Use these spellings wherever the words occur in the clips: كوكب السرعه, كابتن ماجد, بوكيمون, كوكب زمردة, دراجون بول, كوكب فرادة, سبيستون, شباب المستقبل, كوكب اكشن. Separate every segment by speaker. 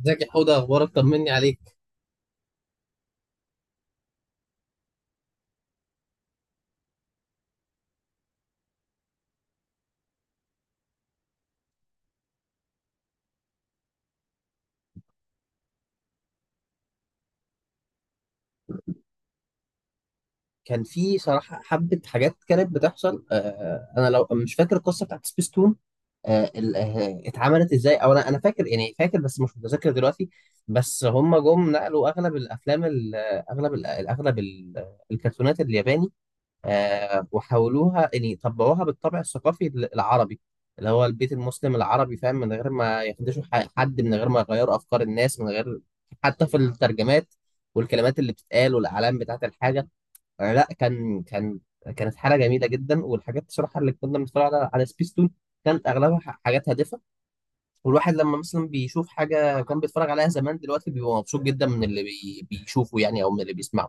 Speaker 1: ازيك يا حوده؟ اخبارك، طمني عليك. كان في صراحه حبه حاجات كانت بتحصل. انا لو مش فاكر القصه بتاعت سبيستون اتعملت ازاي، او انا فاكر يعني فاكر بس مش متذكر دلوقتي. بس هم جم نقلوا اغلب الافلام اغلب اغلب الكرتونات الياباني، وحولوها يعني طبقوها بالطابع الثقافي العربي اللي هو البيت المسلم العربي، فاهم؟ من غير ما يخدشوا حد، من غير ما يغيروا أفكار الناس، من غير حتى في الترجمات والكلمات اللي بتتقال والأعلام بتاعة الحاجة. لا، كان كانت حالة جميلة جدا. والحاجات بصراحة اللي كنا بنتفرج على سبيستون كانت أغلبها حاجات هادفة. والواحد لما مثلا بيشوف حاجة كان بيتفرج عليها زمان، دلوقتي بيبقى مبسوط جدا من اللي بيشوفه يعني، أو من اللي بيسمعه.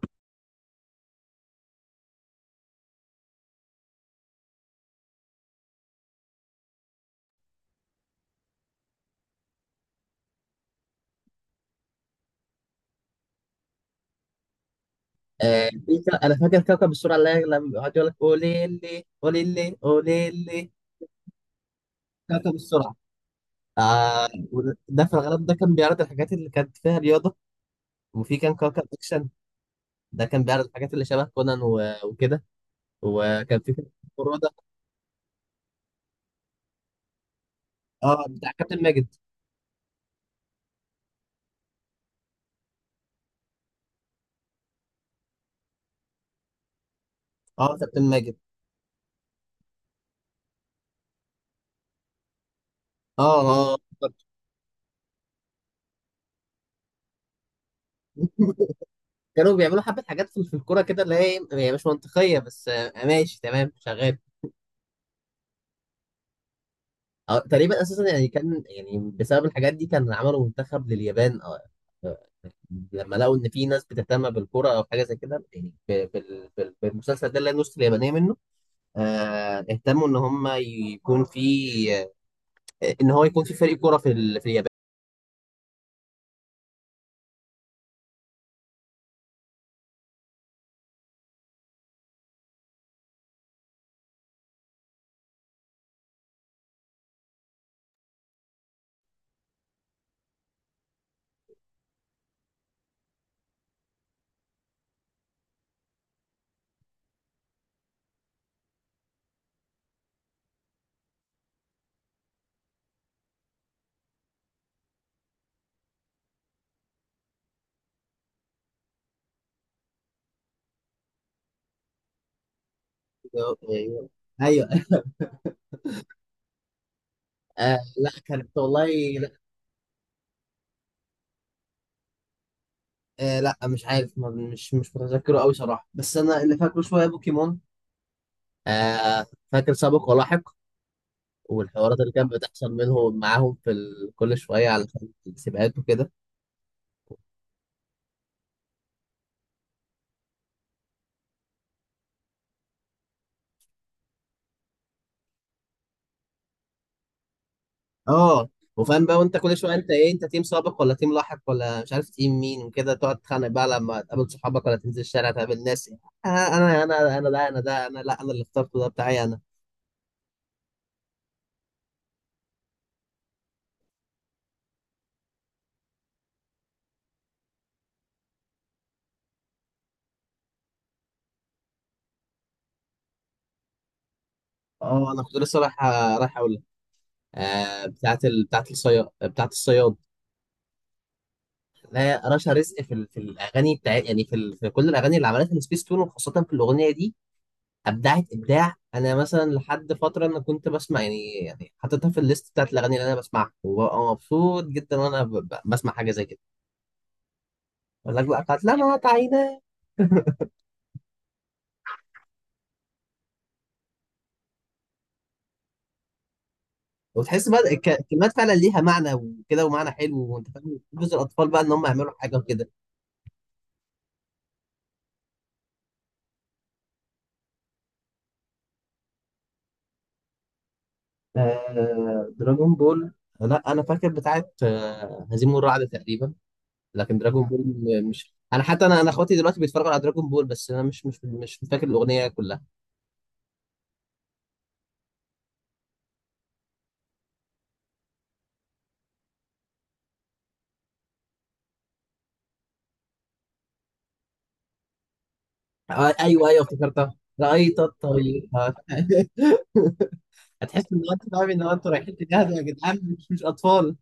Speaker 1: في انا فاكر كوكب السرعه، اللي هي لما بيقعد يقول لك قولي لي قولي لي قولي لي كوكب السرعه. آه. ده في الغالب ده كان بيعرض الحاجات اللي كانت فيها رياضه. وفي كان كوكب اكشن، ده كان بيعرض الحاجات اللي شبه كونان وكده. وكان في كوكب فرادة. اه، بتاع كابتن ماجد. اه كابتن ماجد. اه. اه. كانوا بيعملوا حبة حاجات في في الكورة كده اللي هي إيه، هي مش منطقية بس ماشي تمام شغال. أو تقريبا أساسا يعني كان يعني بسبب الحاجات دي كان عملوا منتخب لليابان، لما لقوا ان في ناس بتهتم بالكرة او حاجه زي كده، يعني بالمسلسل ده اللي النص اليابانيه منه. آه، اهتموا ان هم يكون في، ان هو يكون في فريق كرة في اليابان. ايوه، ايوه. آه لا، كانت والله، لا، لا مش عارف، مش متذكره قوي صراحه، بس انا اللي فاكره شويه بوكيمون. آه. فاكر سابق ولاحق، والحوارات اللي كانت بتحصل منهم معاهم كل شويه على السباقات وكده. اه. وفاهم بقى، وانت كل شويه انت ايه، انت تيم سابق ولا تيم لاحق ولا مش عارف تيم مين، وكده تقعد تتخانق بقى لما تقابل صحابك ولا تنزل الشارع تقابل ناس. آه، انا ده انا، ده انا، لا انا اللي اخترته ده بتاعي انا. اه، انا كنت لسه رايح اقول لك. آه بتاعت الصياد، بتاعت الصياد. لا، رشا رزق في في الاغاني بتاع يعني في كل الاغاني اللي عملتها سبيس تون، وخاصه في الاغنيه دي ابدعت ابداع. انا مثلا لحد فتره انا كنت بسمع يعني يعني حاططها في الليست بتاعت الاغاني اللي انا بسمعها، وببقى مبسوط جدا وانا بسمع حاجه زي كده. اقول لك بقى بتاعت لما تعينا، وتحس بقى الكلمات فعلا ليها معنى وكده، ومعنى حلو، وانت فاهم جزء الاطفال بقى ان هم يعملوا حاجه وكده. آه، دراجون بول. لا انا فاكر بتاعت آه هزيم والرعد تقريبا. لكن دراجون بول، م- مش انا حتى انا انا اخواتي دلوقتي بيتفرجوا على دراجون بول، بس انا مش فاكر الاغنيه كلها. ايوه ايوه، افتكرتها، رأيت الطريق آه. هتحس ان انت فاهم ان انتوا رايحين تجاهدوا يا جدعان، مش مش اطفال.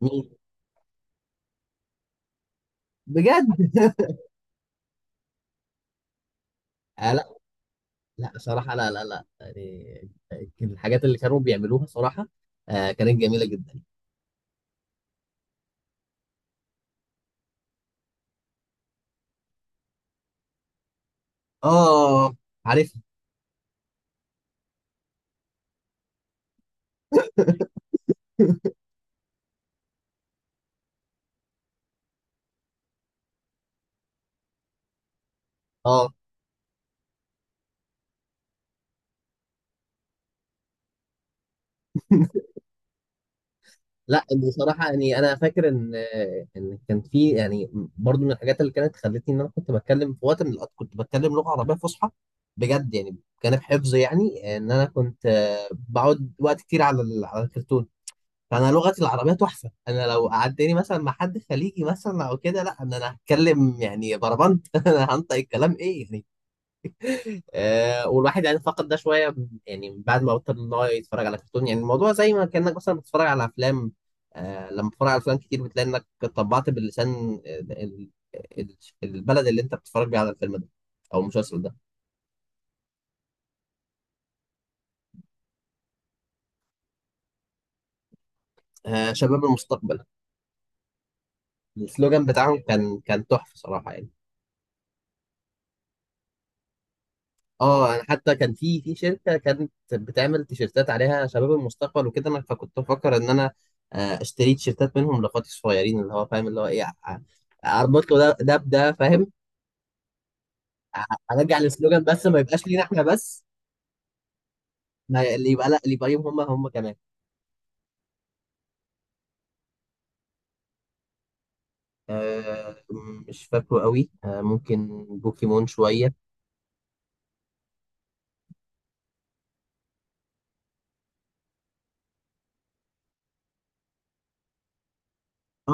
Speaker 1: مين؟ بجد؟ آه لا، لا صراحه، لا لا لا يعني، كان الحاجات اللي كانوا بيعملوها صراحه، كانت جميله جدا. اه، عارفها. اه. لا بصراحة يعني أنا فاكر إن كان في يعني برضو من الحاجات اللي كانت خلتني إن أنا كنت بتكلم في وقت من الأوقات، كنت بتكلم لغة عربية فصحى بجد يعني. جانب حفظ يعني إن أنا كنت بقعد وقت كتير على الكرتون. فأنا لغتي العربية تحفة. أنا لو قعدتني مثلا مع حد خليجي مثلا أو كده، لا أنا هتكلم يعني بربنت. أنا هنطق الكلام إيه يعني. والواحد يعني فقد ده شويه، يعني بعد ما بطل ان هو يتفرج على كرتون. يعني الموضوع زي ما كانك مثلا بتتفرج على افلام. آه لما بتتفرج على افلام كتير بتلاقي انك طبعت باللسان ال- البلد اللي انت بتتفرج بيه على الفيلم ده او المسلسل ده. آه، شباب المستقبل، السلوجان بتاعهم كان تحفه صراحه يعني. اه، انا حتى كان في في شركه كانت بتعمل تيشيرتات عليها شباب المستقبل وكده، انا فكنت بفكر ان انا اشتري تيشيرتات منهم لاخواتي الصغيرين، اللي هو فاهم اللي هو ايه، اربط له ده ده بده، فاهم؟ ارجع السلوجان، بس ما يبقاش لينا احنا بس، ما ي- اللي يبقى لا اللي يبقى ليهم هم هم كمان. آه، مش فاكره قوي، آه ممكن بوكيمون شويه. اه،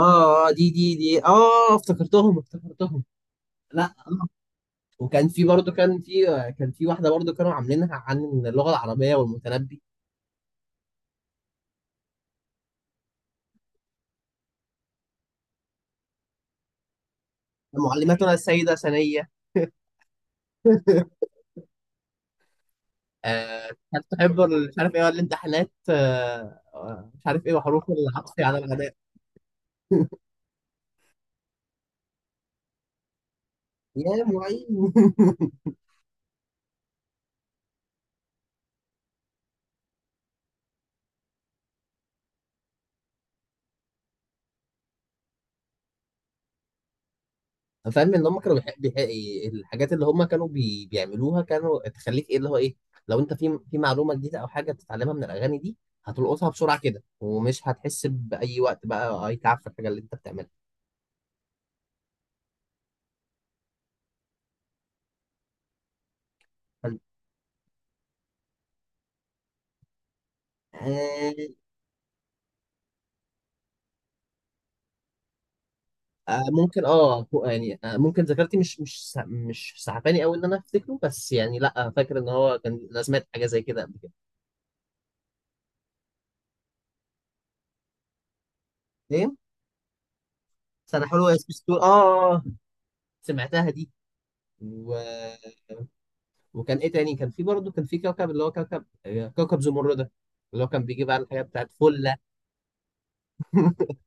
Speaker 1: دي دي دي اه افتكرتهم افتكرتهم. لا، وكان في برضه كان في واحده برضه كانوا عاملينها عن اللغه العربيه والمتنبي. معلماتنا السيده ثانيه، هل تحب مش عارف ايه الامتحانات مش عارف ايه، وحروف العطف على الغداء، يا معين. فاهم ان هم كانوا الحاجات اللي هم كانوا بيعملوها كانوا تخليك ايه، اللي هو ايه، لو انت في في معلومه جديده او حاجه بتتعلمها من الاغاني دي، هتلقطها بسرعه كده، ومش هتحس باي وقت بقى اي تعب في الحاجه اللي انت بتعملها. ممكن اه هو يعني، ممكن ذاكرتي مش سعباني قوي ان انا افتكره، بس يعني لا فاكر ان هو كان انا سمعت حاجه زي كده قبل كده. ايه؟ سنه حلوه يا سبيستون، اه سمعتها دي. و... وكان ايه تاني، كان في برضه كان في كوكب اللي هو كوكب، كوكب زمردة، اللي هو كان بيجيب على الحاجات بتاعت فله.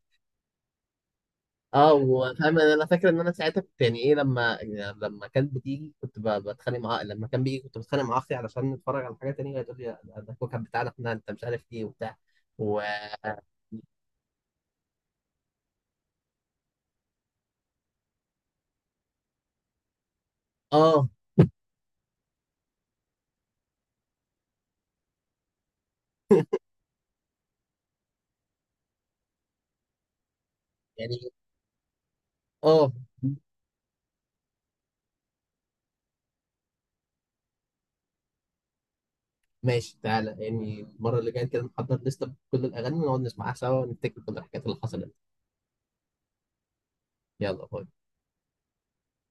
Speaker 1: اه، وفاهم انا، أنا فاكر ان انا ساعتها كنت يعني ايه، لما يعني لما كانت بتيجي كنت بتخانق معاها، لما كان بيجي كنت بتخانق مع اختي علشان نتفرج على حاجه تانية، وهي تقول لي ده ده الكوكب بتاعنا احنا، انت مش عارف ايه وبتاع. و اه. يعني. اه، ماشي، تعالى يعني المره اللي جايه كده نحضر لسته بكل الاغاني ونقعد نسمعها سوا ونفتكر كل الحاجات اللي حصلت. يلا باي.